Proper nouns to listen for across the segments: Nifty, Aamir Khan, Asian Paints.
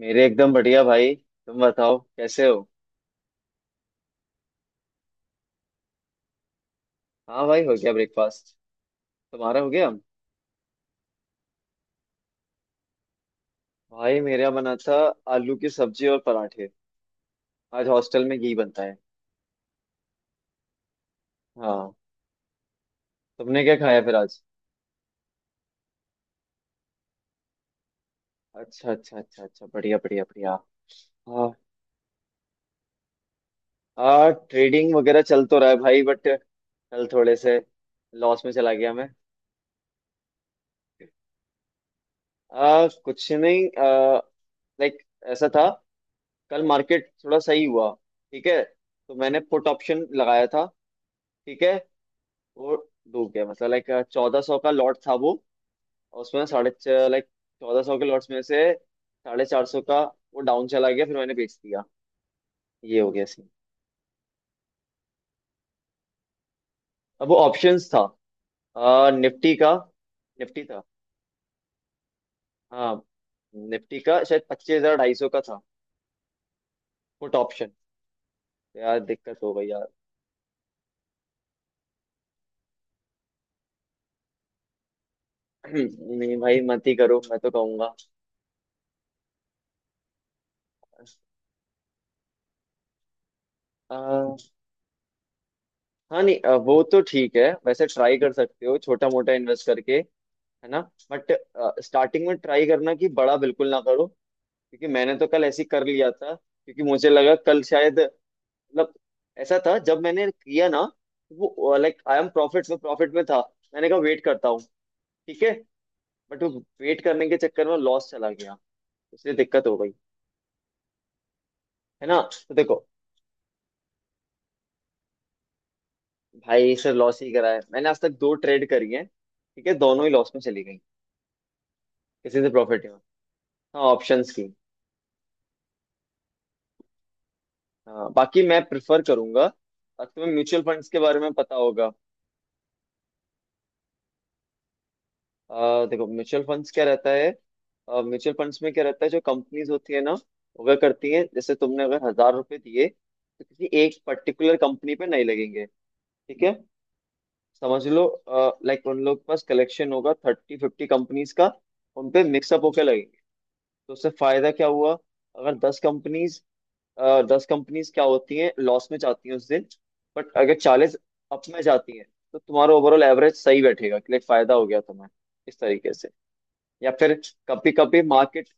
मेरे एकदम बढ़िया भाई। तुम बताओ कैसे हो? हाँ भाई, हो गया ब्रेकफास्ट। तुम्हारा हो गया? भाई मेरा बना था आलू की सब्जी और पराठे। आज हॉस्टल में यही बनता है। हाँ। तुमने क्या खाया फिर आज? अच्छा, अच्छा, अच्छा, अच्छा, बढ़िया, बढ़िया, बढ़िया। हाँ, हाँ, ट्रेडिंग वगैरह चल तो रहा है भाई, बट कल थोड़े से लॉस में चला गया मैं। कुछ नहीं। लाइक ऐसा था, कल मार्केट थोड़ा सही हुआ। ठीक है, तो मैंने पुट ऑप्शन लगाया था। ठीक है। वो डूब गया, मतलब लाइक 1400 का लॉट था वो। और उसमें साढ़े, लाइक चौदह सौ के लॉट्स में से 450 का वो डाउन चला गया, फिर मैंने बेच दिया। ये हो गया सीन। अब वो ऑप्शंस था, निफ्टी का। निफ्टी था। हाँ, निफ्टी का शायद 25,250 का था। Put option. यार दिक्कत हो गई यार। नहीं भाई, मत ही करो, मैं तो कहूंगा। अ, हाँ नहीं, वो तो ठीक है, वैसे ट्राई कर सकते हो छोटा मोटा इन्वेस्ट करके। है ना। बट स्टार्टिंग में ट्राई करना कि बड़ा बिल्कुल ना करो। क्योंकि मैंने तो कल ऐसे ही कर लिया था, क्योंकि मुझे लगा कल शायद, मतलब ऐसा था जब मैंने किया ना, तो वो लाइक आई एम प्रॉफिट में था। मैंने कहा वेट करता हूँ। ठीक है। बट वो वेट करने के चक्कर में लॉस चला गया। इसलिए दिक्कत हो गई। है ना। तो देखो, भाई से लॉस ही करा है मैंने, आज तक दो ट्रेड करी है, ठीक है, दोनों ही लॉस में चली गई। किसी से प्रॉफिट नहीं हुआ। हाँ, ऑप्शंस की। हाँ, बाकी मैं प्रिफर करूंगा। तुम्हें म्यूचुअल फंड्स के बारे में पता होगा। देखो, म्यूचुअल फंड्स क्या रहता है। म्यूचुअल फंड्स में क्या रहता है, जो कंपनीज होती है ना, वह करती है, जैसे तुमने अगर 1000 रुपए दिए तो किसी एक पर्टिकुलर कंपनी पे नहीं लगेंगे। ठीक है। समझ लो। लाइक उन लोग के पास कलेक्शन होगा थर्टी फिफ्टी कंपनीज का, उन पे मिक्सअप होकर लगेंगे। तो उससे फायदा क्या हुआ? अगर दस कंपनीज क्या होती हैं, लॉस में जाती हैं उस दिन, बट अगर चालीस अप में जाती हैं, तो तुम्हारा ओवरऑल एवरेज सही बैठेगा, लाइक फायदा हो गया तुम्हें इस तरीके से। या फिर कभी कभी मार्केट,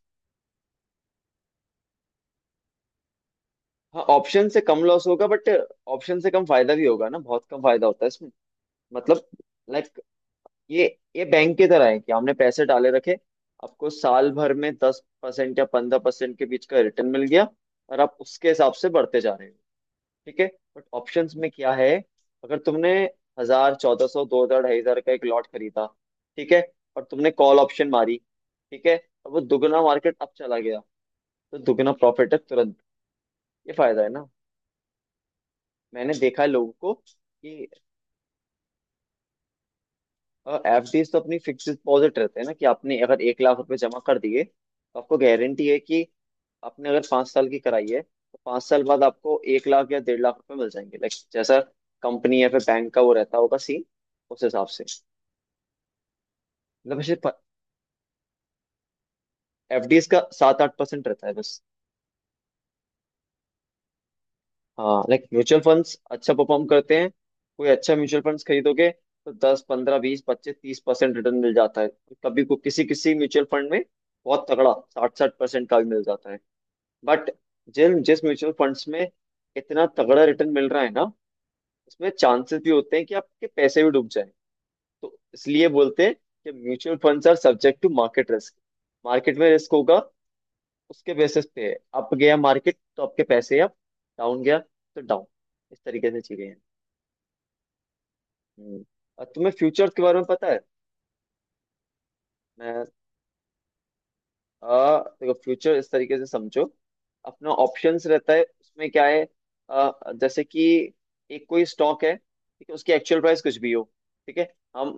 हाँ, ऑप्शन से कम लॉस होगा बट ऑप्शन से कम फायदा भी होगा ना, बहुत कम फायदा होता है इसमें। मतलब लाइक ये ये बैंक की तरह है कि हमने पैसे डाले रखे, आपको साल भर में 10 परसेंट या 15 परसेंट के बीच का रिटर्न मिल गया, और आप उसके हिसाब से बढ़ते जा रहे हो। ठीक है। बट ऑप्शंस में क्या है? अगर तुमने हजार, 1400, दो हजार, ढाई हजार का एक लॉट खरीदा, ठीक है, और तुमने कॉल ऑप्शन मारी, ठीक है, और वो दुगना मार्केट अब चला गया, तो दुगना प्रॉफिट है तुरंत। ये फायदा है ना। मैंने देखा है लोगों को कि, एफडीज तो अपनी फिक्स डिपॉजिट रहते हैं ना कि आपने अगर 1,00,000 रुपए जमा कर दिए तो आपको गारंटी है कि, आपने अगर 5 साल की कराई है तो 5 साल बाद आपको 1,00,000 या 1,50,000 रुपए मिल जाएंगे, लाइक जैसा कंपनी या फिर बैंक का वो रहता होगा सीन, उस हिसाब से। मतलब वैसे एफडीज का 7-8 परसेंट रहता है बस। हाँ, लाइक म्यूचुअल फंड्स अच्छा परफॉर्म करते हैं। कोई अच्छा म्यूचुअल फंड्स खरीदोगे तो दस पंद्रह बीस पच्चीस तीस परसेंट रिटर्न मिल जाता है। कभी को किसी किसी म्यूचुअल फंड में बहुत तगड़ा 60-60 परसेंट का भी मिल जाता है। बट जिन जिस म्यूचुअल फंड्स में इतना तगड़ा रिटर्न मिल रहा है ना, उसमें चांसेस भी होते हैं कि आपके पैसे भी डूब जाए। तो इसलिए बोलते हैं कि mutual funds are subject to market risk. Market में रिस्क होगा, उसके बेसिस पे अप गया मार्केट तो आपके पैसे अप, डाउन गया तो डाउन। इस तरीके से चीजें हैं। हम्म। और तुम्हें फ्यूचर्स के बारे में पता है? मैं, देखो फ्यूचर इस तरीके से समझो। अपना ऑप्शंस रहता है, उसमें क्या है, आ, जैसे कि, एक कोई स्टॉक है, ठीक है, उसकी एक्चुअल प्राइस कुछ भी हो। ठीक है, हम,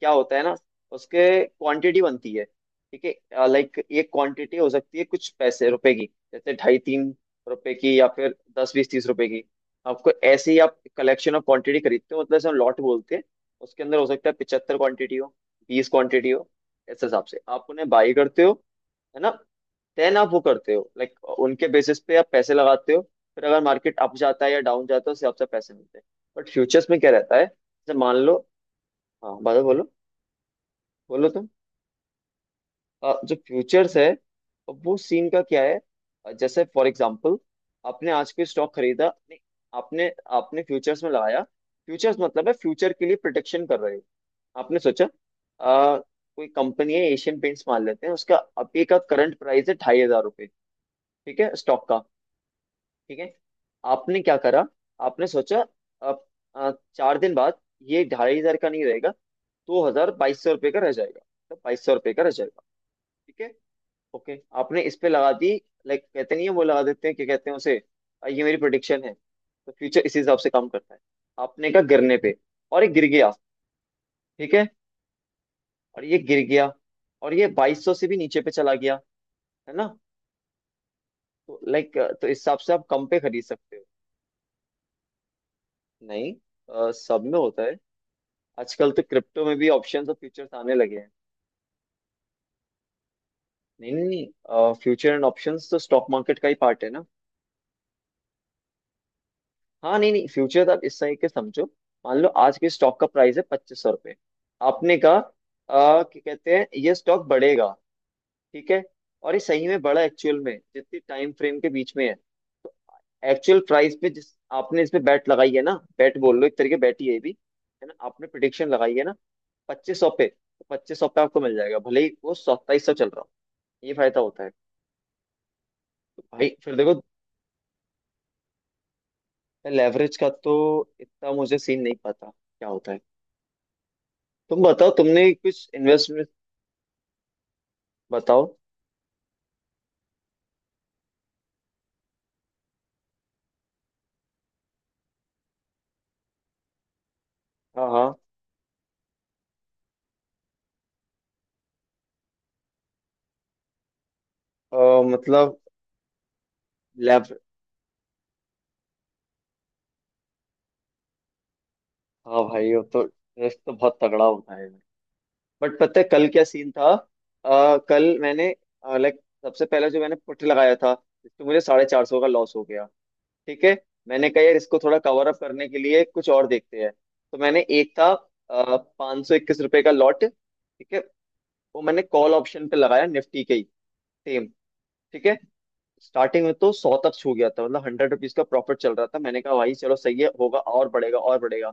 क्या होता है ना, उसके क्वांटिटी बनती है। ठीक है, लाइक एक क्वांटिटी हो सकती है कुछ पैसे रुपए की, जैसे ढाई तीन रुपए की, या फिर दस बीस तीस रुपए की। आपको ऐसे ही, आप कलेक्शन ऑफ क्वांटिटी खरीदते हो, मतलब जैसे हम लॉट बोलते हैं। उसके अंदर हो सकता है 75 क्वांटिटी हो, बीस क्वांटिटी हो। इस हिसाब से आप उन्हें बाई करते हो। है ना। देन आप वो करते हो, लाइक उनके बेसिस पे आप पैसे लगाते हो। फिर अगर मार्केट अप जाता है या डाउन जाता है, उससे आपसे पैसे मिलते हैं। बट फ्यूचर्स में क्या रहता है, जैसे मान लो, हाँ बादल, बोलो। बोलो तुम। जो फ्यूचर्स है, वो सीन का क्या है। जैसे फॉर एग्जाम्पल, आपने आज कोई स्टॉक खरीदा नहीं, आपने आपने फ्यूचर्स में लगाया, फ्यूचर्स मतलब है फ्यूचर के लिए प्रोटेक्शन कर रहे हो। आपने सोचा, कोई कंपनी है एशियन पेंट्स मान लेते हैं, उसका अभी का करंट प्राइस है 2500 रुपये। ठीक है, स्टॉक का। ठीक है। आपने क्या करा, आपने सोचा, अब, 4 दिन बाद, ये 2500 का नहीं रहेगा, दो हजार 2200 रुपये का रह जाएगा, तो 2200 रुपये का रह जाएगा। ठीक है। ओके, आपने इस पे लगा दी। लाइक कहते नहीं है वो लगा देते हैं, क्या कहते हैं उसे, ये मेरी प्रोडिक्शन है। तो फ्यूचर इसी हिसाब से काम करता है। आपने कहा गिरने पे, और ये गिर गया। ठीक है, और ये गिर गया, और ये 2200 से भी नीचे पे चला गया। है ना। तो लाइक, तो इस हिसाब से आप कम पे खरीद सकते हो। नहीं, सब में होता है। आजकल तो क्रिप्टो में भी ऑप्शंस और फ्यूचर्स आने लगे हैं। नहीं, नहीं, नहीं, फ्यूचर एंड ऑप्शंस तो स्टॉक मार्केट का ही पार्ट है ना। हाँ नहीं, नहीं, फ्यूचर आप इस तरीके से समझो। मान लो आज के स्टॉक का प्राइस है 2500 रुपये। आपने कहा क्या कहते हैं, ये स्टॉक बढ़ेगा। ठीक है, और ये सही में बढ़ा एक्चुअल में, जितनी टाइम फ्रेम के बीच में है तो, एक्चुअल प्राइस पे जिस, आपने इस पे बैट लगाई है ना, बैट बोल लो, एक तरीके बैट ही है ये भी। है ना, आपने प्रिडिक्शन लगाई है ना, 2500 पे, तो 2500 पे आपको मिल जाएगा भले ही वो 2700 चल रहा हो। ये फायदा होता है। भाई फिर देखो, लेवरेज का तो इतना मुझे सीन नहीं पता क्या होता है। तुम बताओ, तुमने कुछ इन्वेस्टमेंट, बताओ। हाँ, हाँ, मतलब, लेव हाँ भाई, वो तो रिस्क तो बहुत तगड़ा होता है। बट पता है कल क्या सीन था, कल मैंने, लाइक सबसे पहले जो मैंने पुट लगाया था, जिसमें मुझे 450 का लॉस हो गया। ठीक है। मैंने कहा यार इसको थोड़ा कवर अप करने के लिए कुछ और देखते हैं। तो मैंने एक था, 521 रुपए का लॉट, ठीक है, वो मैंने कॉल ऑप्शन पे लगाया निफ्टी के ही, सेम। ठीक है। स्टार्टिंग में तो सौ तक छू गया था, मतलब हंड्रेड रुपीज का प्रॉफिट चल रहा था। मैंने कहा भाई चलो सही है, होगा और बढ़ेगा और बढ़ेगा।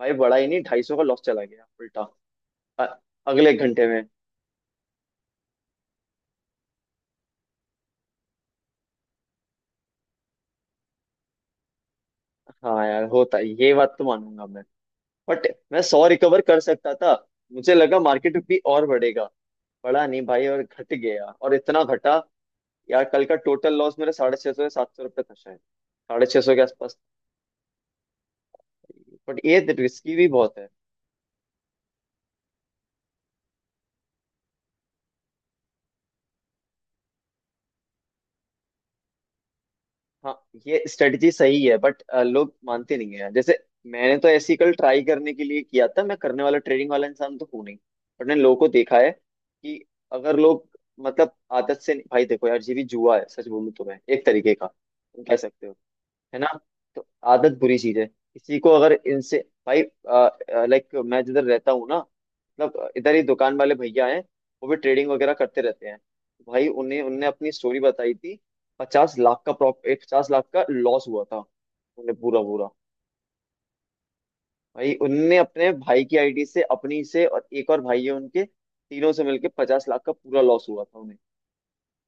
भाई बड़ा ही नहीं, 250 का लॉस चला गया उल्टा। अ- अगले एक घंटे में। हाँ यार होता है, ये बात तो मानूंगा मैं। बट मैं सौ रिकवर कर सकता था। मुझे लगा मार्केट भी और बढ़ेगा। बढ़ा नहीं भाई, और घट गया, और इतना घटा, यार कल का टोटल लॉस मेरा 650 या 700 रुपये था, शायद 650 के आसपास। बट ये रिस्की भी बहुत है। हाँ, ये स्ट्रेटजी सही है बट लोग मानते नहीं है, जैसे मैंने तो ऐसी कल ट्राई करने के लिए किया था, मैं करने वाला ट्रेडिंग वाला इंसान तो हूँ नहीं। बट मैंने लोगों को देखा है कि, अगर लोग, मतलब, आदत से भाई। देखो यार, ये भी जुआ है सच बोलूं तो, मैं एक तरीके का, तुम कह सकते हो। है ना। तो आदत बुरी चीज है, किसी को अगर इनसे, भाई, लाइक मैं जिधर रहता हूँ ना, मतलब इधर ही दुकान वाले भैया हैं, वो भी ट्रेडिंग वगैरह करते रहते हैं। भाई उन्हें उनने अपनी स्टोरी बताई थी, पचास लाख का लॉस हुआ था उन्हें पूरा पूरा। भाई उनने अपने भाई की आईडी से, अपनी से, और एक और भाई है उनके, तीनों से मिलके 50 लाख का पूरा लॉस हुआ था।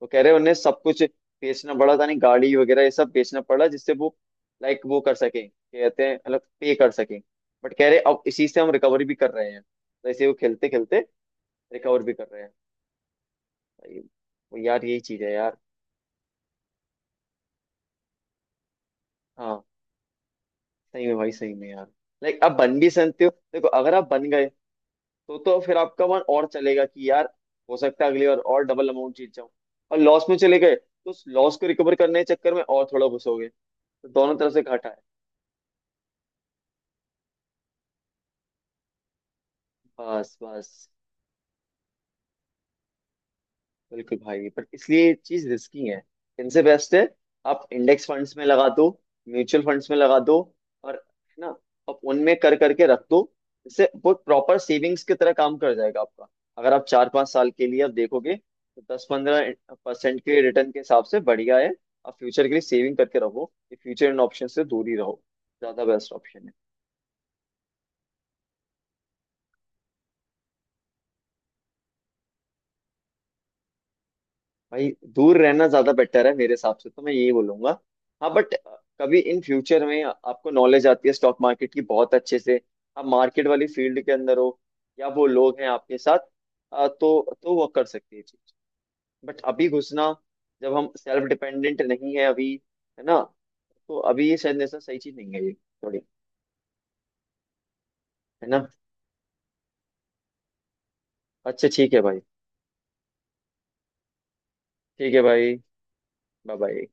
वो कह रहे उन्हें सब कुछ बेचना पड़ा था, नहीं गाड़ी वगैरह ये सब बेचना पड़ा, जिससे वो लाइक वो कर सके, कहते हैं, मतलब पे कर सके। बट कह रहे अब इसी से हम रिकवरी भी कर रहे हैं। तो ऐसे वो खेलते खेलते रिकवर भी कर रहे हैं। भाई, वो यार, यही चीज है यार। हाँ सही में भाई, सही में यार, लाइक आप बन भी सकते हो। देखो अगर आप बन गए, तो फिर आपका मन और चलेगा कि यार, हो सकता है अगली बार और डबल अमाउंट जीत जाऊं। और लॉस में चले गए तो उस लॉस को रिकवर करने के चक्कर में और थोड़ा घुसोगे। तो दोनों तरफ से घाटा है। बस, बस। बिल्कुल भाई, पर इसलिए ये चीज रिस्की है। इनसे बेस्ट है, आप इंडेक्स फंड्स में लगा दो, म्यूचुअल फंड्स में लगा दो, और, है ना, आप उनमें कर करके रख दो। इससे वो प्रॉपर सेविंग्स की तरह काम कर जाएगा आपका। अगर आप 4-5 साल के लिए आप देखोगे तो 10-15 परसेंट के रिटर्न के हिसाब से बढ़िया है। आप फ्यूचर के लिए सेविंग करके रहो, ये फ्यूचर इन ऑप्शन से दूर ही रहो। ज्यादा बेस्ट ऑप्शन है। भाई दूर रहना ज्यादा बेटर है मेरे हिसाब से, तो मैं यही बोलूंगा। हाँ बट कभी इन फ्यूचर में आपको नॉलेज आती है स्टॉक मार्केट की बहुत अच्छे से, आप मार्केट वाली फील्ड के अंदर हो, या वो लोग हैं आपके साथ, तो वो कर सकती है चीज। बट अभी घुसना, जब हम सेल्फ डिपेंडेंट नहीं है अभी, है ना, तो अभी ये शायद ऐसा सही चीज नहीं है ये, थोड़ी। है ना। अच्छा ठीक है भाई। ठीक है भाई। Bye bye.